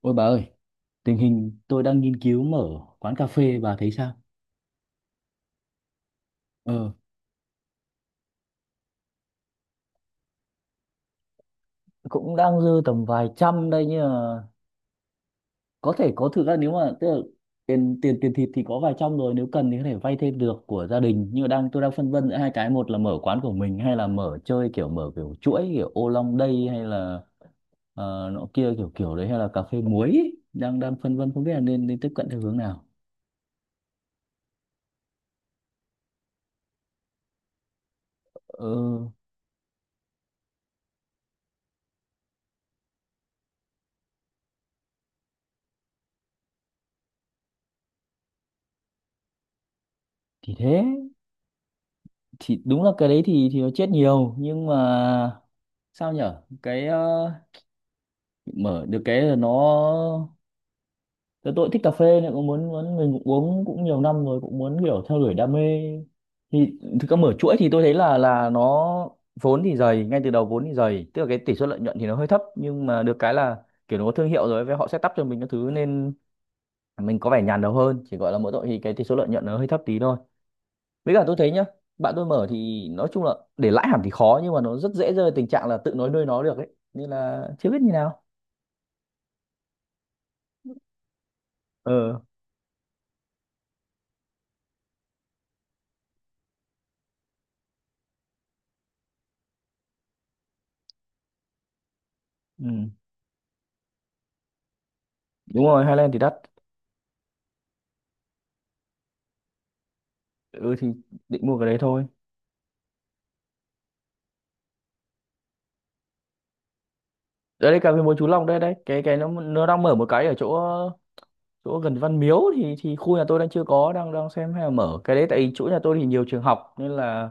Ôi bà ơi, tình hình tôi đang nghiên cứu mở quán cà phê, bà thấy sao? Ờ, cũng đang dư tầm vài trăm đây nhưng mà có thể có thực ra nếu mà tức là tiền tiền tiền thịt thì có vài trăm rồi, nếu cần thì có thể vay thêm được của gia đình. Nhưng mà tôi đang phân vân giữa hai cái, một là mở quán của mình hay là mở kiểu chuỗi kiểu ô long đây hay là nọ kia kiểu kiểu đấy hay là cà phê muối ấy. Đang đang phân vân không biết là nên nên tiếp cận theo hướng nào. Ờ thì thế thì đúng là cái đấy thì nó chết nhiều nhưng mà sao nhở cái mở được cái là nó tôi thích cà phê nên cũng muốn muốn mình cũng uống cũng nhiều năm rồi cũng muốn kiểu theo đuổi đam mê thì thực ra mở chuỗi thì tôi thấy là nó vốn thì dày ngay từ đầu vốn thì dày, tức là cái tỷ suất lợi nhuận thì nó hơi thấp nhưng mà được cái là kiểu nó có thương hiệu rồi với họ setup cho mình các thứ nên mình có vẻ nhàn đầu hơn, chỉ gọi là mỗi tội thì cái tỷ số lợi nhuận nó hơi thấp tí thôi. Với cả tôi thấy nhá, bạn tôi mở thì nói chung là để lãi hẳn thì khó nhưng mà nó rất dễ rơi vào tình trạng là tự nói nuôi nó được ấy, nên là chưa biết như nào. Ờ. Ừ. Đúng rồi, Highland thì đắt. Ừ thì định mua cái đấy thôi. Đấy, đấy cà phê muối Chú Long đây đấy, cái nó đang mở một cái ở chỗ chỗ gần Văn Miếu, thì khu nhà tôi đang chưa có, đang đang xem hay là mở cái đấy, tại vì chỗ nhà tôi thì nhiều trường học nên là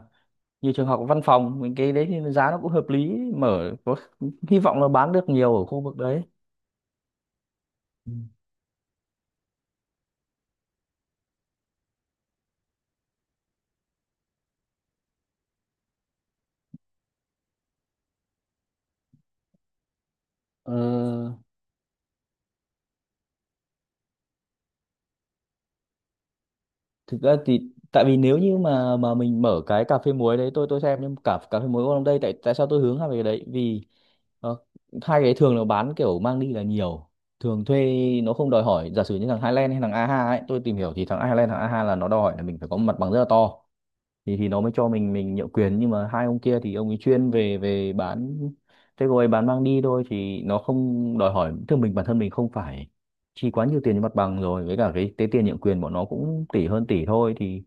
nhiều trường học văn phòng mình cái đấy thì giá nó cũng hợp lý, mở có hy vọng là bán được nhiều ở khu vực đấy. Ừ. ờ, Thực ra thì tại vì nếu như mà mình mở cái cà phê muối đấy, tôi xem nhưng cả cà phê muối ở đây, tại tại sao tôi hướng vào cái đấy vì Ờ, hai cái thường nó bán kiểu mang đi là nhiều, thường thuê nó không đòi hỏi. Giả sử như thằng Highland hay thằng a ha ấy, tôi tìm hiểu thì thằng Highland thằng a ha là nó đòi hỏi là mình phải có một mặt bằng rất là to thì nó mới cho mình nhượng quyền, nhưng mà hai ông kia thì ông ấy chuyên về về bán, thế rồi bán mang đi thôi thì nó không đòi hỏi thương mình, bản thân mình không phải chi quá nhiều tiền cho mặt bằng, rồi với cả cái tiền nhượng quyền bọn nó cũng tỷ hơn tỷ thôi thì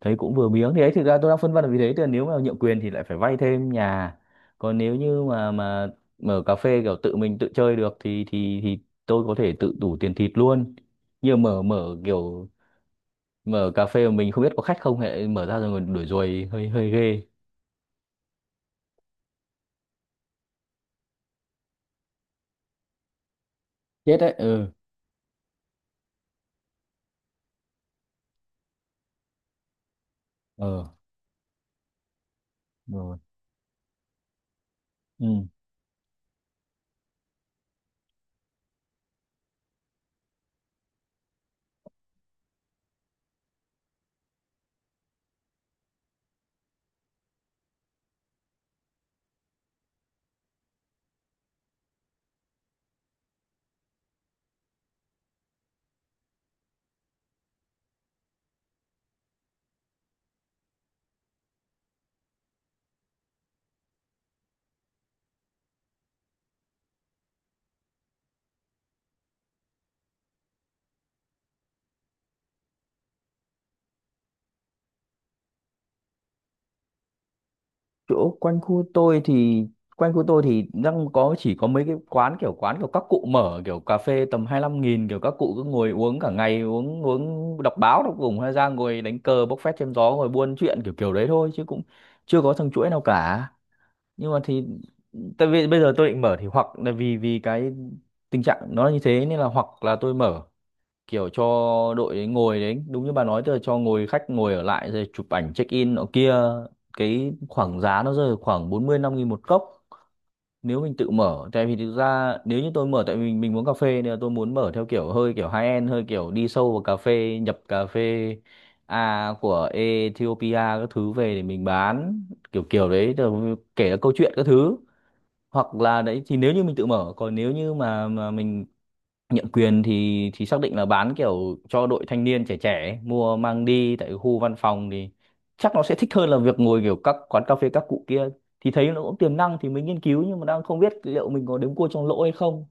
thấy cũng vừa miếng thì ấy. Thực ra tôi đang phân vân là vì thế, thì nếu mà nhượng quyền thì lại phải vay thêm nhà, còn nếu như mà mở cà phê kiểu tự mình tự chơi được thì thì tôi có thể tự đủ tiền thịt luôn. Như mở mở kiểu mở cà phê mà mình không biết có khách không, hệ mở ra rồi còn đuổi ruồi hơi hơi ghê. Chết đấy. Ừ. Ờ. Rồi. Ừ. Chỗ quanh khu tôi thì đang chỉ có mấy cái quán kiểu các cụ mở kiểu cà phê tầm 25.000, kiểu các cụ cứ ngồi uống cả ngày uống uống đọc báo, đọc cùng hay ra ngồi đánh cờ bốc phét chém gió ngồi buôn chuyện kiểu kiểu đấy thôi chứ cũng chưa có thằng chuỗi nào cả. Nhưng mà thì tại vì bây giờ tôi định mở thì hoặc là vì vì cái tình trạng nó như thế nên là hoặc là tôi mở kiểu cho đội ấy ngồi đấy đúng như bà nói, tức là cho ngồi khách ngồi ở lại rồi chụp ảnh check in nọ kia, cái khoảng giá nó rơi vào khoảng 45.000 một cốc, nếu mình tự mở. Tại vì thực ra nếu như tôi mở tại vì mình muốn cà phê nên là tôi muốn mở theo kiểu hơi kiểu high end, hơi kiểu đi sâu vào cà phê, nhập cà phê A của Ethiopia các thứ về để mình bán kiểu kiểu đấy, tức là kể cả câu chuyện các thứ. Hoặc là đấy thì nếu như mình tự mở, còn nếu như mà mình nhượng quyền thì xác định là bán kiểu cho đội thanh niên trẻ trẻ ấy, mua mang đi tại khu văn phòng thì chắc nó sẽ thích hơn là việc ngồi kiểu các quán cà phê các cụ kia, thì thấy nó cũng tiềm năng thì mình nghiên cứu. Nhưng mà đang không biết liệu mình có đếm cua trong lỗ hay không.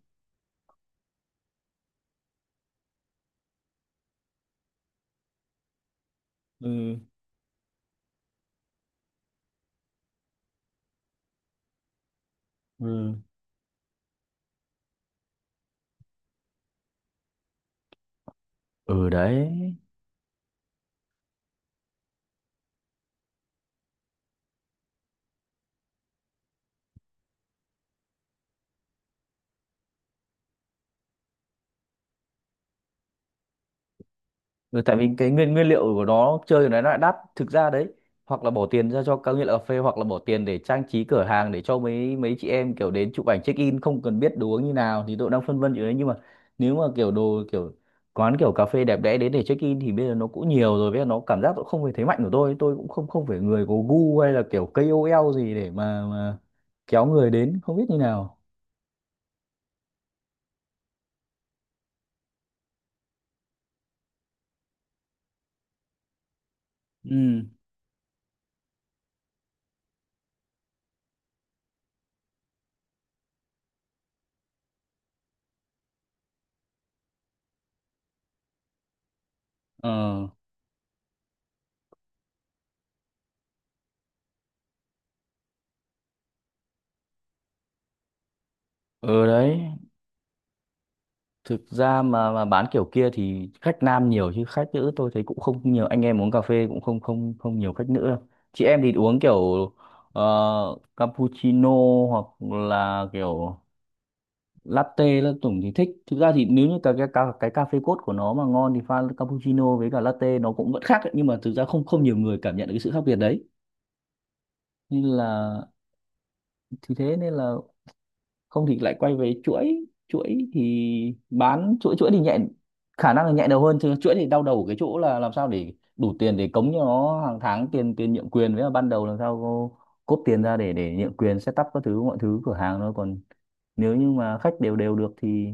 Ừ. Ừ. Ừ. Đấy. Ừ, tại vì cái nguyên nguyên liệu của nó chơi của nó lại đắt thực ra đấy. Hoặc là bỏ tiền ra cho các nghiện cà phê, hoặc là bỏ tiền để trang trí cửa hàng để cho mấy mấy chị em kiểu đến chụp ảnh check in không cần biết đồ uống như nào, thì tôi đang phân vân chuyện đấy. Nhưng mà nếu mà kiểu đồ kiểu quán kiểu cà phê đẹp đẽ đến để check in thì bây giờ nó cũng nhiều rồi, với nó cảm giác cũng không phải thế mạnh của tôi, cũng không không phải người có gu hay là kiểu KOL gì để mà kéo người đến, không biết như nào. Ừ. Ờ. Ừ. Đấy. Thực ra mà bán kiểu kia thì khách nam nhiều chứ khách nữ tôi thấy cũng không nhiều, anh em uống cà phê cũng không không không nhiều khách nữ đâu. Chị em thì uống kiểu ờ, cappuccino hoặc là kiểu latte là tổng thì thích. Thực ra thì nếu như cái cà phê cốt của nó mà ngon thì pha cappuccino với cả latte nó cũng vẫn khác ấy, nhưng mà thực ra không không nhiều người cảm nhận được cái sự khác biệt đấy nên là. Thì thế nên là không thì lại quay về chuỗi, chuỗi thì bán chuỗi, chuỗi thì nhẹ, khả năng là nhẹ đầu hơn, chứ chuỗi thì đau đầu ở cái chỗ là làm sao để đủ tiền để cống cho nó hàng tháng tiền tiền nhượng quyền, với là ban đầu làm sao cô cốp tiền ra để nhượng quyền setup các thứ mọi thứ cửa hàng nó. Còn nếu như mà khách đều đều được thì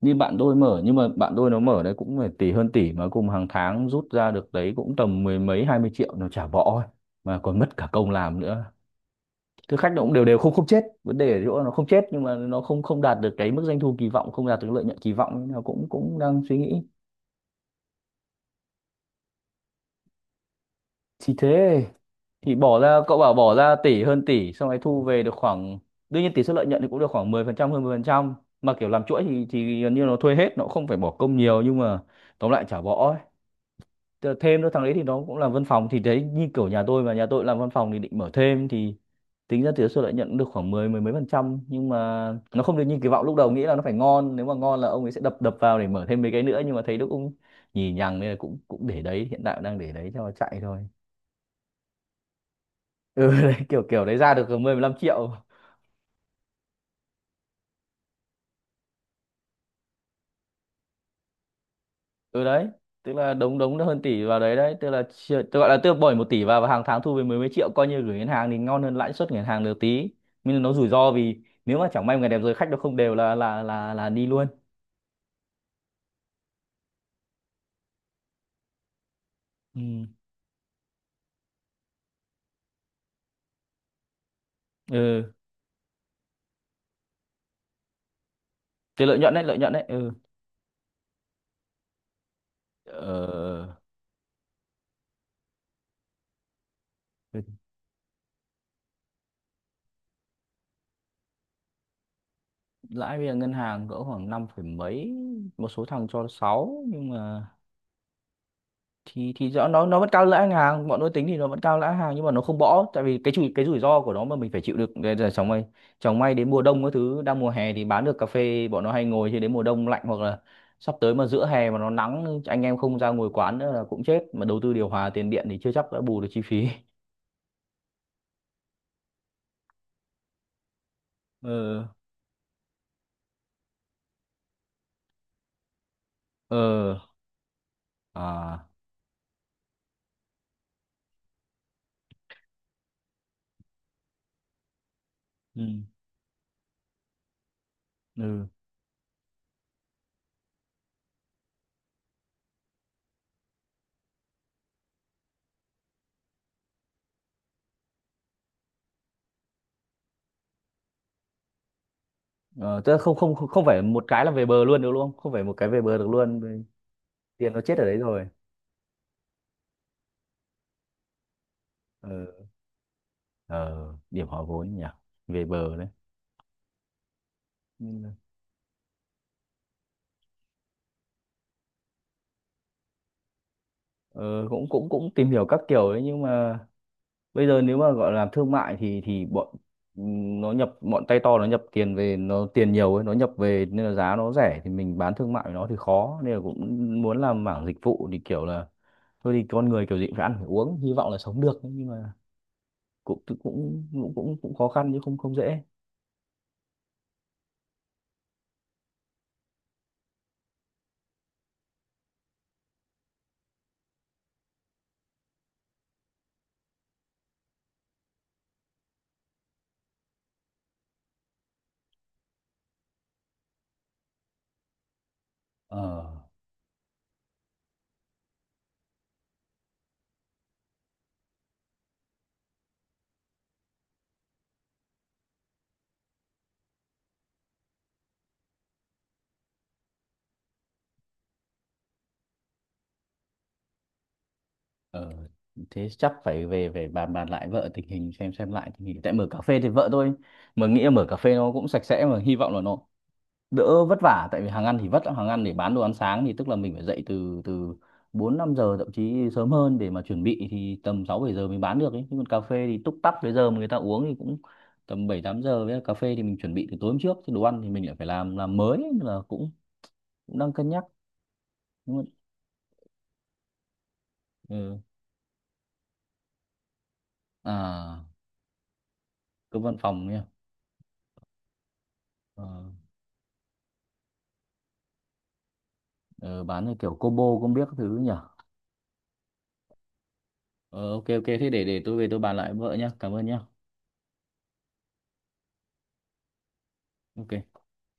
như bạn tôi mở, nhưng mà bạn tôi nó mở đấy cũng phải tỷ hơn tỷ mà cùng hàng tháng rút ra được đấy cũng tầm mười mấy 20 triệu, nó chả bỏ ấy, mà còn mất cả công làm nữa. Thực khách nó cũng đều đều không, không chết, vấn đề ở chỗ nó không chết nhưng mà nó không không đạt được cái mức doanh thu kỳ vọng, không đạt được lợi nhuận kỳ vọng, nên là cũng cũng đang suy nghĩ. Thì thế thì bỏ ra, cậu bảo bỏ ra tỷ hơn tỷ xong rồi thu về được khoảng, đương nhiên tỷ suất lợi nhuận thì cũng được khoảng 10% hơn 10%, mà kiểu làm chuỗi thì gần như nó thuê hết nó không phải bỏ công nhiều, nhưng mà tóm lại chả bỏ ấy. Thêm nữa thằng đấy thì nó cũng làm văn phòng, thì đấy như kiểu nhà tôi làm văn phòng thì định mở thêm thì tính ra tỷ suất lợi nhuận được khoảng 10 mười mấy phần trăm nhưng mà nó không được như kỳ vọng lúc đầu nghĩ là nó phải ngon. Nếu mà ngon là ông ấy sẽ đập đập vào để mở thêm mấy cái nữa, nhưng mà thấy nó cũng nhì nhằng nên là cũng cũng để đấy, hiện tại đang để đấy cho nó chạy thôi. Ừ. Đấy kiểu kiểu đấy ra được mười 15 triệu. Ừ đấy, tức là đống đống nó hơn tỷ vào đấy, đấy tức là tôi gọi là tôi bỏ 1 tỷ vào và hàng tháng thu về mười mấy triệu, coi như gửi ngân hàng thì ngon hơn lãi suất ngân hàng được tí, nhưng mà nó rủi ro vì nếu mà chẳng may một ngày đẹp rồi khách nó không đều là đi luôn. Ừ. Ừ. Cái lợi nhuận đấy, lợi nhuận đấy. Ừ. ờ, Lãi bây giờ ngân hàng cỡ khoảng 5 phẩy mấy, một số thằng cho 6 nhưng mà thì rõ, nó vẫn cao lãi hàng, bọn tôi tính thì nó vẫn cao lãi hàng, nhưng mà nó không bõ tại vì cái rủi ro của nó mà mình phải chịu được. Đây là chẳng may, đến mùa đông cái thứ đang mùa hè thì bán được cà phê bọn nó hay ngồi, chứ đến mùa đông lạnh, hoặc là sắp tới mà giữa hè mà nó nắng anh em không ra ngồi quán nữa là cũng chết, mà đầu tư điều hòa tiền điện thì chưa chắc đã bù được chi phí. Ờ. Ờ. À. Ừ. Ừ. ờ, Tức là không không không phải một cái là về bờ luôn được luôn, không phải một cái về bờ được luôn. Tiền nó chết ở đấy rồi. Ừ. Ờ. Điểm hòa vốn nhỉ, về bờ đấy. Nên ờ, cũng cũng cũng tìm hiểu các kiểu đấy nhưng mà bây giờ nếu mà gọi là làm thương mại thì bọn ừ, nó nhập, bọn tay to nó nhập tiền về, nó tiền nhiều ấy, nó nhập về nên là giá nó rẻ, thì mình bán thương mại với nó thì khó, nên là cũng muốn làm mảng dịch vụ thì kiểu là thôi thì con người kiểu gì cũng phải ăn phải uống, hy vọng là sống được ấy, nhưng mà cũng cũng cũng cũng khó khăn chứ không không dễ. Ờ. Ờ. Thế chắc phải về về bàn bàn lại vợ tình hình, xem lại tình hình. Tại mở cà phê thì vợ tôi mà nghĩ là mở cà phê nó cũng sạch sẽ, mà hy vọng là nó đỡ vất vả tại vì hàng ăn thì vất lắm. Hàng ăn để bán đồ ăn sáng thì tức là mình phải dậy từ từ 4-5 giờ, thậm chí sớm hơn để mà chuẩn bị thì tầm 6-7 giờ mình bán được ấy. Nhưng còn cà phê thì túc tắc cái giờ mà người ta uống thì cũng tầm 7-8 giờ, với cà phê thì mình chuẩn bị từ tối hôm trước, chứ đồ ăn thì mình lại phải làm mới ấy, nên là cũng cũng đang cân nhắc. Đúng không? Ừ. À, cơm văn phòng nha. ờ, ờ, bán theo kiểu combo không biết các thứ nhỉ. Ờ, ok, ok, thế để tôi về tôi bàn lại với vợ nhá, cảm ơn nhá. Ok.